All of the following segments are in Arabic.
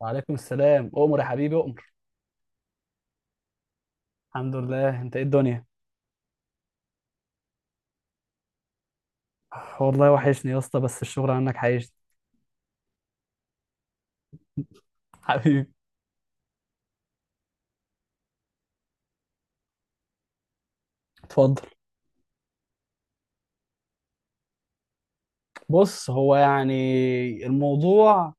وعليكم السلام، أؤمر يا حبيبي أؤمر. الحمد لله، أنت إيه الدنيا؟ والله وحشني يا اسطى، بس الشغل عنك عايشني. حبيبي، اتفضل. بص، هو يعني الموضوع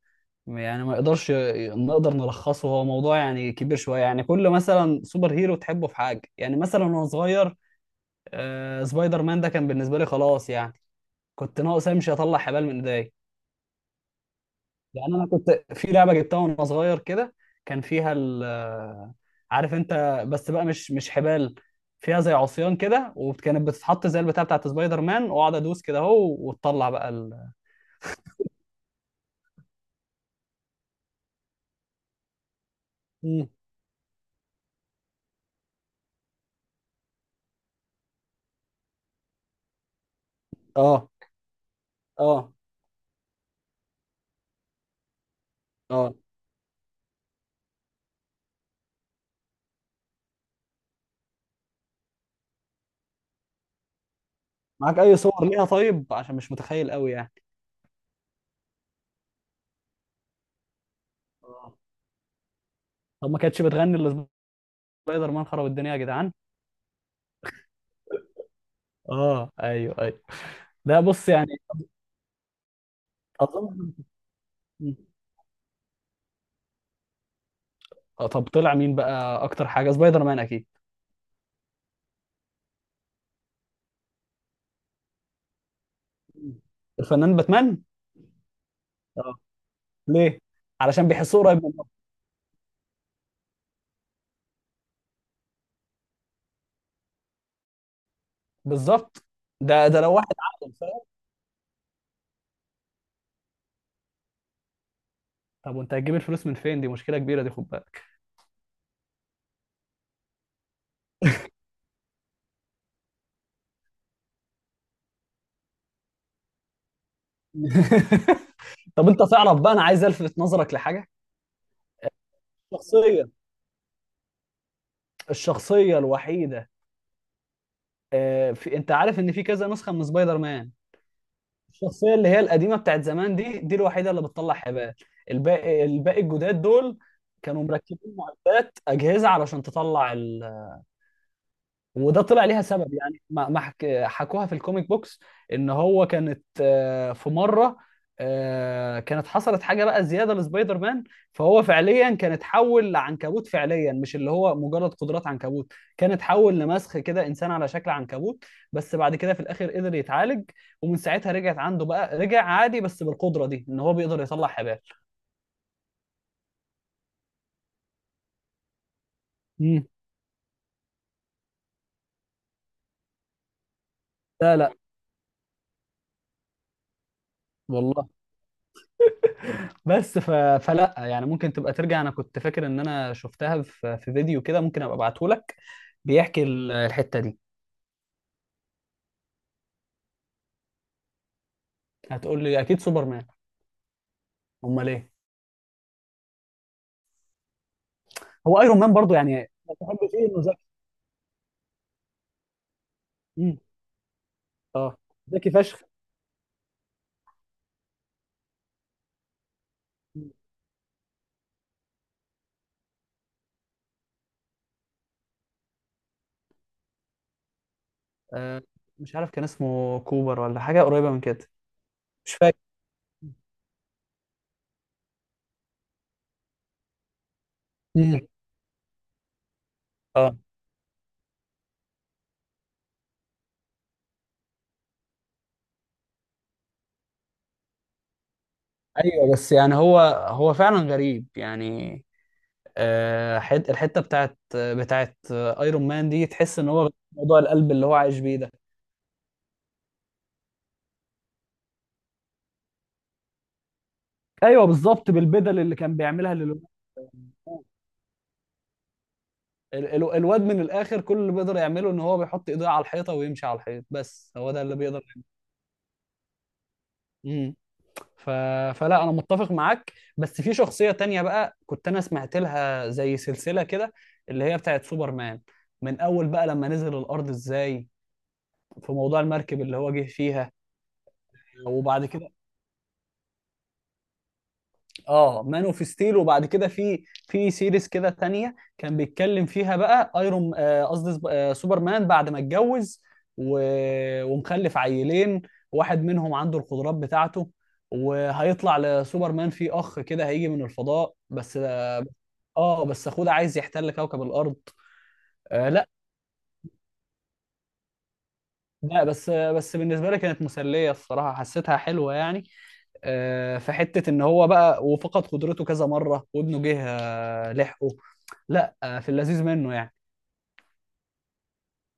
يعني ما يقدرش نقدر نلخصه، هو موضوع يعني كبير شوية، يعني كل مثلا سوبر هيرو تحبه في حاجة، يعني مثلا وأنا صغير آه سبايدر مان ده كان بالنسبة لي خلاص يعني، كنت ناقص امشي اطلع حبال من ايديا. لان انا كنت في لعبه جبتها وانا صغير كده، كان فيها ال، عارف انت، بس بقى مش حبال، فيها زي عصيان كده وكانت بتتحط زي البتاع بتاعت سبايدر مان، واقعد ادوس كده اهو وتطلع بقى ال. مم. اه، اه، اه، معاك اي صور ليها طيب؟ عشان مش متخيل قوي يعني. آه. طب ما كانتش بتغني الا سبايدر مان خرب الدنيا يا جدعان؟ اه، ايوه ايوه. لا، بص يعني، اظن. مم. طب طلع مين بقى اكتر حاجه؟ سبايدر مان اكيد. مم. الفنان باتمان. اه، ليه؟ علشان بيحسوه قريب منهم. بالظبط، ده ده لو واحد عاقل فاهم. طب وانت هتجيب الفلوس من فين؟ دي مشكله كبيره دي، خد بالك. طب انت تعرف بقى، انا عايز الفت نظرك لحاجه. الشخصيه، الشخصيه الوحيده، آه، في، انت عارف ان في كذا نسخه من سبايدر مان، الشخصيه اللي هي القديمه بتاعت زمان دي، دي الوحيده اللي بتطلع حبال. الباقي الجداد دول كانوا مركبين معدات اجهزه علشان تطلع ال... وده طلع ليها سبب، يعني ما ما حك... حكوها في الكوميك بوكس، ان هو كانت في مره، كانت حصلت حاجه بقى زياده لسبايدر مان، فهو فعليا كان اتحول لعنكبوت فعليا، مش اللي هو مجرد قدرات عنكبوت، كان اتحول لمسخ كده، انسان على شكل عنكبوت. بس بعد كده في الاخر قدر يتعالج، ومن ساعتها رجعت عنده بقى، رجع عادي بس بالقدره دي، ان هو بيقدر يطلع حبال. مم. لا لا. والله، بس ف... فلا يعني ممكن تبقى ترجع. انا كنت فاكر ان انا شفتها في, في فيديو كده، ممكن ابقى ابعته لك، بيحكي الحتة دي. هتقول لي اكيد سوبرمان؟ امال ايه؟ هو ايرون مان برضو يعني؟ بحب فيه انه ذكي. مم. اه، ذكي فشخ. مم. آه، مش عارف، كان اسمه كوبر ولا حاجة قريبة من كده. مش فاكر. مم. اه، ايوه، بس يعني هو، هو فعلا غريب يعني. آه، الحتة بتاعت ايرون مان دي، تحس ان هو موضوع القلب اللي هو عايش بيه ده. ايوه بالظبط، بالبدل اللي كان بيعملها للواد. الواد من الاخر كل اللي بيقدر يعمله ان هو بيحط ايديه على الحيطه ويمشي على الحيط، بس هو ده اللي بيقدر. امم، ف... فلا، انا متفق معاك، بس في شخصيه تانية بقى كنت انا سمعت لها زي سلسله كده، اللي هي بتاعت سوبرمان. من اول بقى لما نزل الارض ازاي، في موضوع المركب اللي هو جه فيها، وبعد كده، اه، مان اوف ستيل. وبعد كده في في سيريز كده تانية كان بيتكلم فيها بقى ايرون، قصدي سوبرمان بعد ما اتجوز و... ومخلف عيلين، واحد منهم عنده القدرات بتاعته، وهيطلع لسوبرمان في اخ كده هيجي من الفضاء، بس اه، بس اخوه ده عايز يحتل كوكب الارض. آه لا، لا بس، بس بالنسبه لي كانت مسليه الصراحه، حسيتها حلوه يعني. آه، في حته ان هو بقى وفقد قدرته كذا مره وابنه جه لحقه. لا في اللذيذ منه يعني.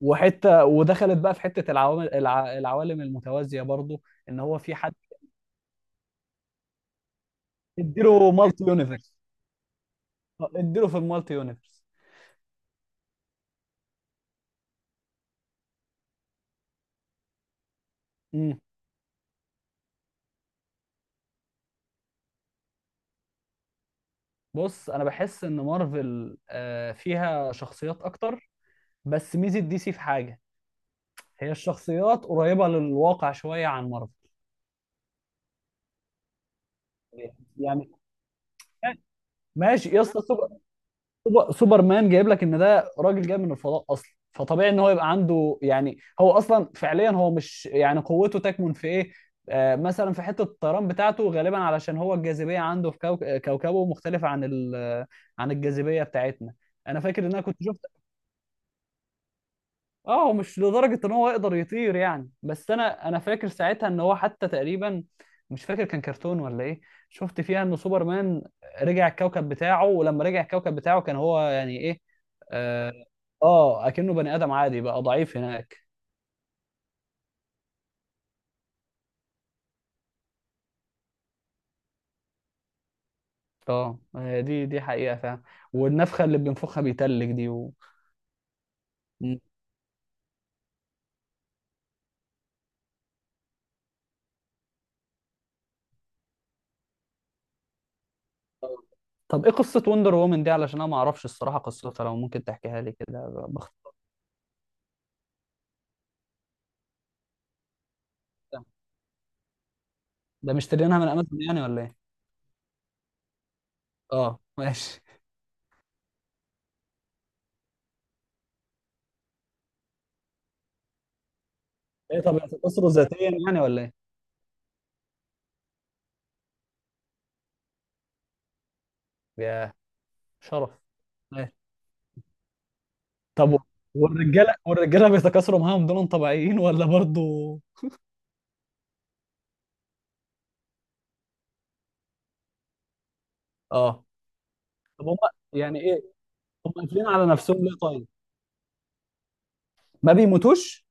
وحته ودخلت بقى في حته العوامل العوالم المتوازيه برضو، ان هو في حد اديله مالتي يونيفرس، اديله في المالتي يونيفرس. امم، بص، انا بحس ان مارفل فيها شخصيات اكتر، بس ميزه دي سي في حاجه، هي الشخصيات قريبه للواقع شويه عن مارفل يعني. ماشي يا اسطى، سوبرمان جايب لك ان ده راجل جاي من الفضاء اصلا، فطبيعي ان هو يبقى عنده يعني، هو اصلا فعليا هو مش يعني، قوته تكمن في ايه؟ آه مثلا في حته الطيران بتاعته، غالبا علشان هو الجاذبيه عنده في كوكبه مختلفه عن عن الجاذبيه بتاعتنا. انا فاكر ان انا كنت شفت، اه هو مش لدرجة ان هو يقدر يطير يعني، بس انا فاكر ساعتها ان هو حتى تقريبا، مش فاكر كان كرتون ولا ايه، شفت فيها ان سوبرمان رجع الكوكب بتاعه، ولما رجع الكوكب بتاعه كان هو يعني ايه، اه، آه، اكنه بني ادم عادي بقى، ضعيف هناك. اه، هي دي دي حقيقة فعلا، والنفخة اللي بينفخها بيتلج دي و... م. آه. طب ايه قصة وندر وومن دي؟ علشان انا ما اعرفش الصراحة قصتها، لو ممكن تحكيها لي كده باختصار. ده مشتريينها من امازون يعني ولا ايه؟ اه ماشي. ايه طب بتتأثروا ذاتيا يعني ولا ايه؟ يا شرف. ايه؟ طب والرجاله والرجاله بيتكاثروا معاهم دول طبيعيين ولا برضو؟ اه. طب هم يعني ايه، هم قافلين على نفسهم ليه طيب؟ ما بيموتوش؟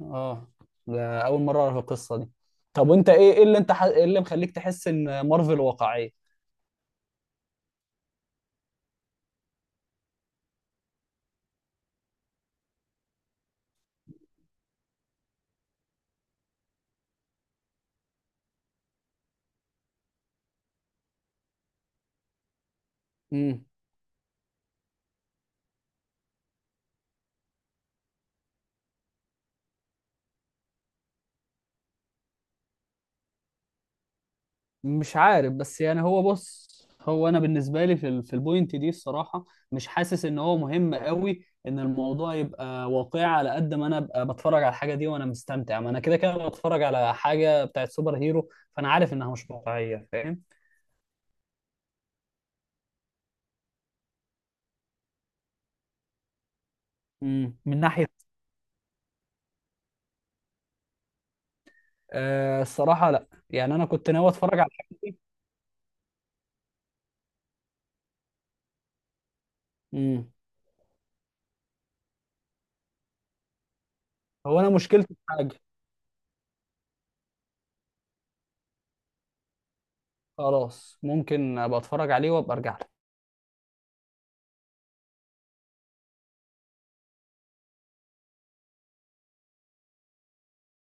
اه، ده اول مره اعرف القصه دي. طب وانت ايه، ايه اللي انت ايه اللي مخليك تحس ان مارفل واقعيه؟ مم. مش عارف، بس يعني هو بص، هو انا بالنسبه لي في في البوينت دي الصراحه، مش حاسس ان هو مهم قوي ان الموضوع يبقى واقعي، على قد ما انا ابقى بتفرج على الحاجه دي وانا مستمتع، ما انا كده كده بتفرج على حاجه بتاعت سوبر هيرو، فانا عارف انها مش واقعيه فاهم. امم، من ناحيه، آه الصراحه لا، يعني انا كنت ناوي اتفرج على الحاجه دي. امم، هو انا مشكلتي في حاجه، خلاص ممكن ابقى اتفرج عليه وابقى ارجع.